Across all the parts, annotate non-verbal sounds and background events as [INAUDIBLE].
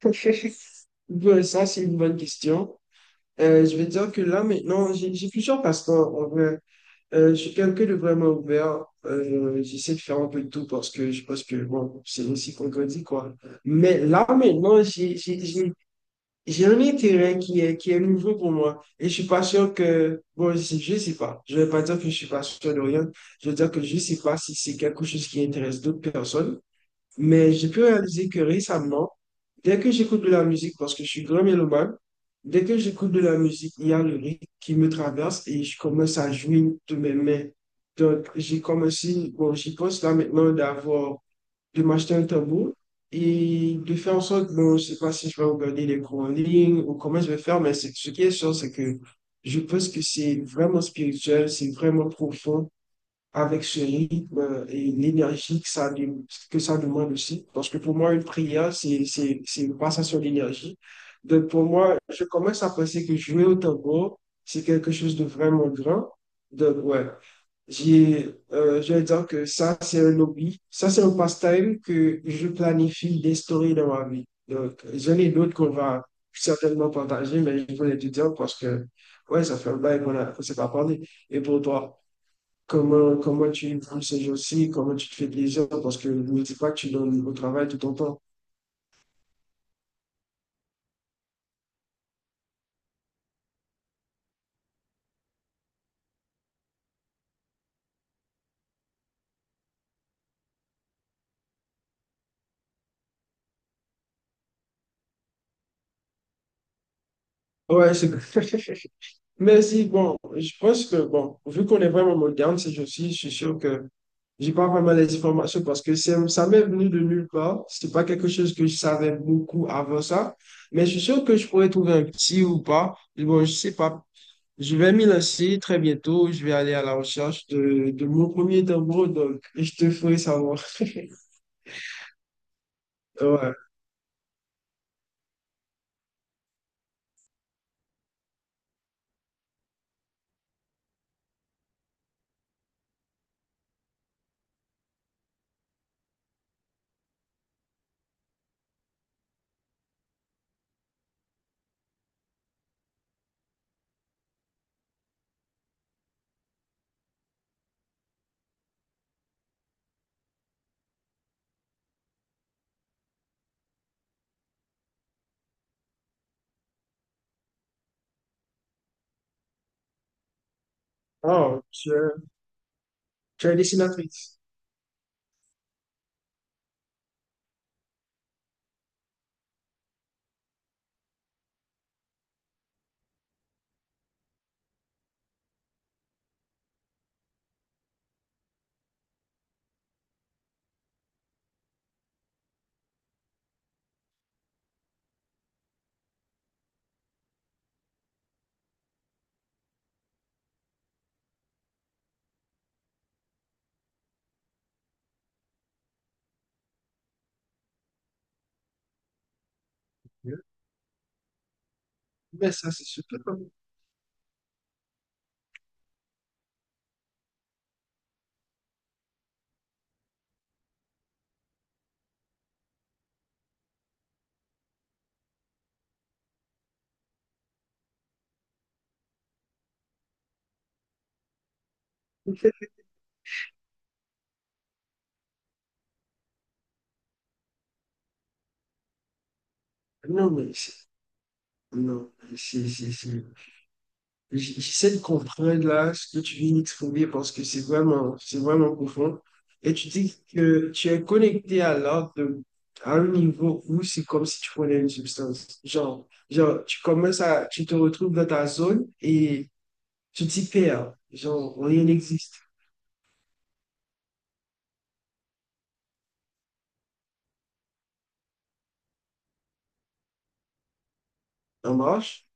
[LAUGHS] Bon, ça, c'est une bonne question. Je vais dire que là, maintenant, j'ai plusieurs passe-temps. En vrai. Je suis quelqu'un de vraiment ouvert. J'essaie de faire un peu de tout parce que je pense que bon, c'est aussi qu'on grandit, quoi. Mais là, maintenant, j'ai un intérêt qui est nouveau pour moi. Et je suis pas sûr que... Bon, je sais pas. Je vais pas dire que je suis pas sûr de rien. Je veux dire que je sais pas si c'est quelque chose qui intéresse d'autres personnes. Mais j'ai pu réaliser que récemment, dès que j'écoute de la musique, parce que je suis grand mélomane, dès que j'écoute de la musique, il y a le rythme qui me traverse et je commence à jouer de mes mains. Donc, j'ai commencé, bon, j'y pense là maintenant d'avoir, de m'acheter un tambour et de faire en sorte, bon, je sais pas si je vais regarder les cours en ligne ou comment je vais faire, mais ce qui est sûr, c'est que je pense que c'est vraiment spirituel, c'est vraiment profond avec ce rythme et l'énergie que que ça demande aussi. Parce que pour moi, une prière, c'est une passation d'énergie. Donc pour moi, je commence à penser que jouer au tambour, c'est quelque chose de vraiment grand. Donc ouais, je vais dire que ça, c'est un hobby. Ça, c'est un pastime que je planifie d'instaurer dans ma vie. Donc, j'en ai d'autres qu'on va certainement partager, mais je voulais te dire parce que, ouais, ça fait un bail qu'on s'est pas parlé. Et pour toi? Comment tu vis ces jours-ci? Comment tu te fais plaisir? Parce que ne dis pas que tu donnes au travail tout ton temps. Ouais, c'est [LAUGHS] Mais si, bon, je pense que, bon, vu qu'on est vraiment moderne ces jours-ci, je suis sûr que j'ai pas vraiment les informations parce que ça m'est venu de nulle part. C'est pas quelque chose que je savais beaucoup avant ça. Mais je suis sûr que je pourrais trouver un petit ou pas. Bon, je sais pas. Je vais m'y lancer très bientôt. Je vais aller à la recherche de mon premier tambour, donc je te ferai savoir. [LAUGHS] Ouais. Oh, tu es dessinatrice. Mais ça, c'est super. Non, mais c'est- non, j'essaie de comprendre là ce que tu viens d'exprimer parce que c'est vraiment profond. Et tu dis que tu es connecté à à un niveau où c'est comme si tu prenais une substance. Genre, tu commences à, tu te retrouves dans ta zone et tu t'y perds. Genre, rien n'existe. En marche?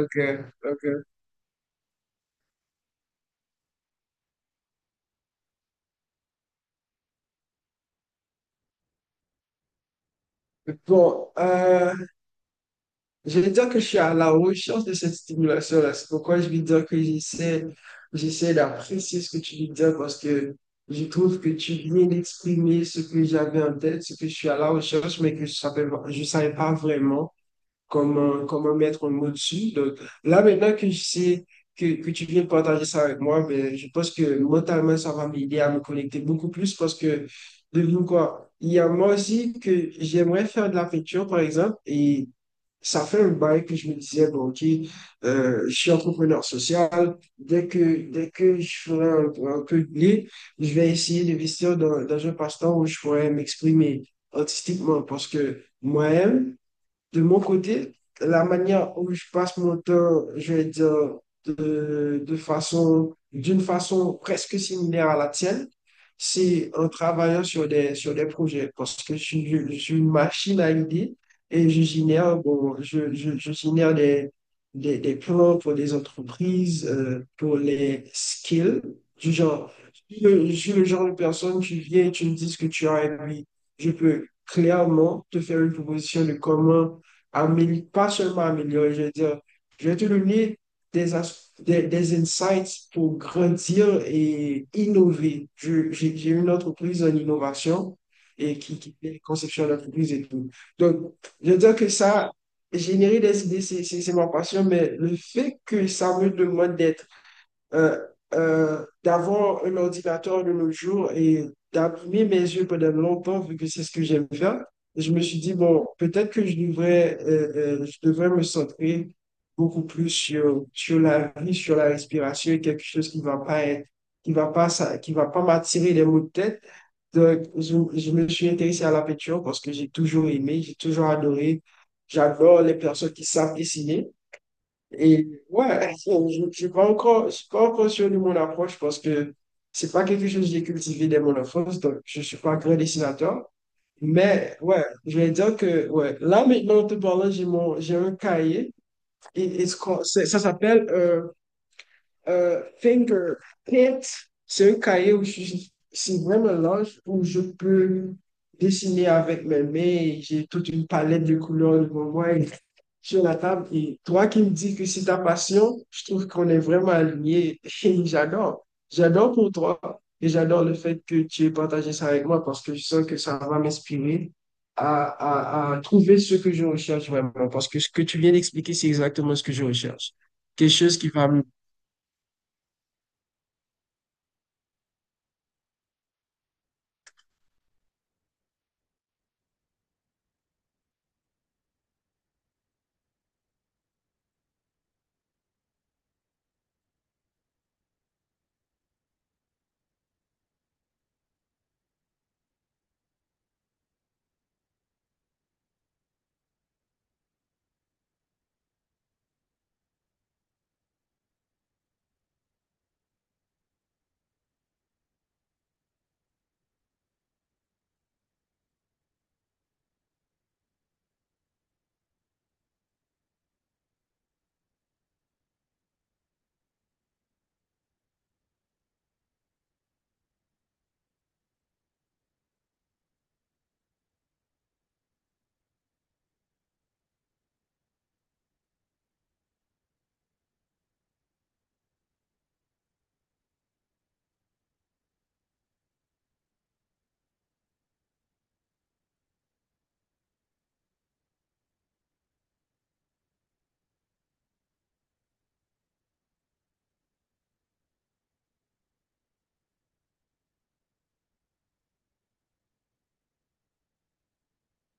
Ok, ok. Bon, euh, je vais dire que je suis à la recherche de cette stimulation-là. C'est pourquoi je vais dire que j'essaie d'apprécier ce que tu veux dire parce que je trouve que tu viens d'exprimer ce que j'avais en tête, ce que je suis à la recherche, mais que je savais pas vraiment comment mettre un mot dessus. Donc, là, maintenant que je sais que tu viens de partager ça avec moi, ben, je pense que mentalement, ça va m'aider à me connecter beaucoup plus parce que, devine quoi, il y a moi aussi que j'aimerais faire de la peinture, par exemple, et ça fait un bail que je me disais, bon, OK, je suis entrepreneur social. Dès que je ferai un peu de blé, je vais essayer d'investir dans un passe-temps où je pourrais m'exprimer artistiquement parce que moi-même, de mon côté, la manière où je passe mon temps, je vais dire, de façon, d'une façon presque similaire à la tienne, c'est en travaillant sur des projets, parce que je suis une machine à idées et je génère, bon, je génère des plans pour des entreprises, pour les skills, du genre, je suis le genre de personne, tu viens et tu me dis ce que tu as envie. Je peux clairement te faire une proposition de comment pas seulement améliorer, je veux dire, je vais te donner des insights pour grandir et innover. J'ai une entreprise en innovation et qui fait conception d'entreprise et tout. Donc, je veux dire que ça, générer des idées, c'est ma passion, mais le fait que ça me demande d'être euh, d'avoir un ordinateur de nos jours et d'imprimer mes yeux pendant longtemps, vu que c'est ce que j'aime faire. Je me suis dit, bon, peut-être que je devrais me centrer beaucoup plus sur la vie, sur la respiration, quelque chose qui va pas être, qui va pas m'attirer les maux de tête. Donc, je me suis intéressé à la peinture parce que j'ai toujours aimé, j'ai toujours adoré. J'adore les personnes qui savent dessiner. Et ouais, je suis pas encore sûr de mon approche parce que c'est pas quelque chose que j'ai cultivé dès mon enfance, donc je suis pas un grand dessinateur. Mais ouais, je vais dire que ouais, là maintenant, en te parlant, j'ai un cahier et, ça s'appelle Finger Paint. C'est un cahier où je, c'est vraiment large où je peux dessiner avec mes mains. J'ai toute une palette de couleurs devant moi sur la table. Et toi qui me dis que c'est ta passion, je trouve qu'on est vraiment alignés. [LAUGHS] Et j'adore. J'adore pour toi. Et j'adore le fait que tu aies partagé ça avec moi parce que je sens que ça va m'inspirer à trouver ce que je recherche vraiment. Parce que ce que tu viens d'expliquer, c'est exactement ce que je recherche. Quelque chose qui va me...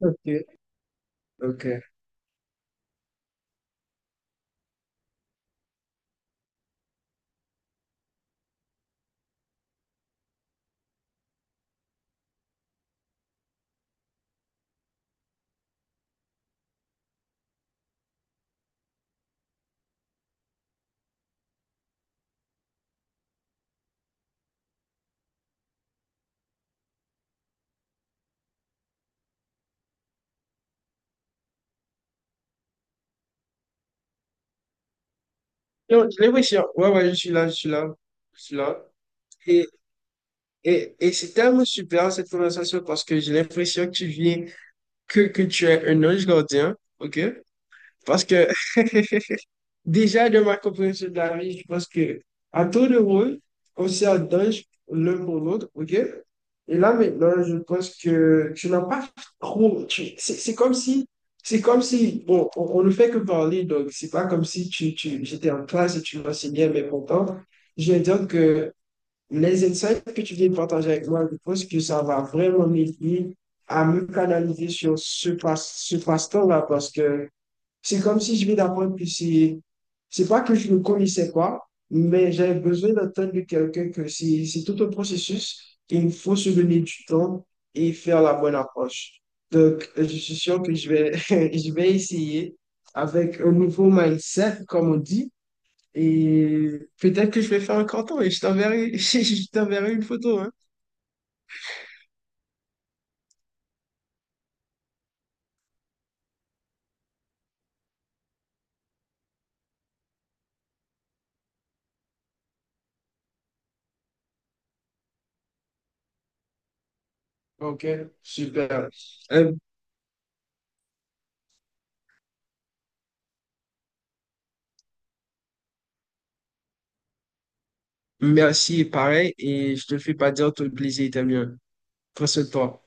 Ok, ok. Non, j'ai l'impression. Ouais, je suis là, je suis là. Je suis là. Et, et c'est tellement super cette conversation parce que j'ai l'impression que que tu es un ange gardien, ok? Parce que [LAUGHS] déjà de ma compréhension de la vie, je pense que à tour de rôle, on sert d'ange l'un pour l'autre, ok? Et là maintenant, je pense que tu n'as pas trop. C'est comme si, c'est comme si, bon, on ne fait que parler, donc c'est pas comme si j'étais en classe et tu m'enseignais, mais pourtant, je vais dire que les insights que tu viens de partager avec moi, je pense que ça va vraiment m'aider à me canaliser sur ce passe-temps-là parce que c'est comme si je viens d'apprendre que c'est pas que je ne connaissais pas, mais j'avais besoin d'entendre de quelqu'un que c'est tout un processus et il faut se donner du temps et faire la bonne approche. Donc, je suis sûr que je vais, [LAUGHS] je vais essayer avec un nouveau mindset, comme on dit et peut-être que je vais faire un canton et je t'enverrai, [LAUGHS] je t'enverrai une photo, hein. Ok, super. Euh, merci, pareil, et je te le fais pas dire, tout le plaisir était mien. Prends soin de toi.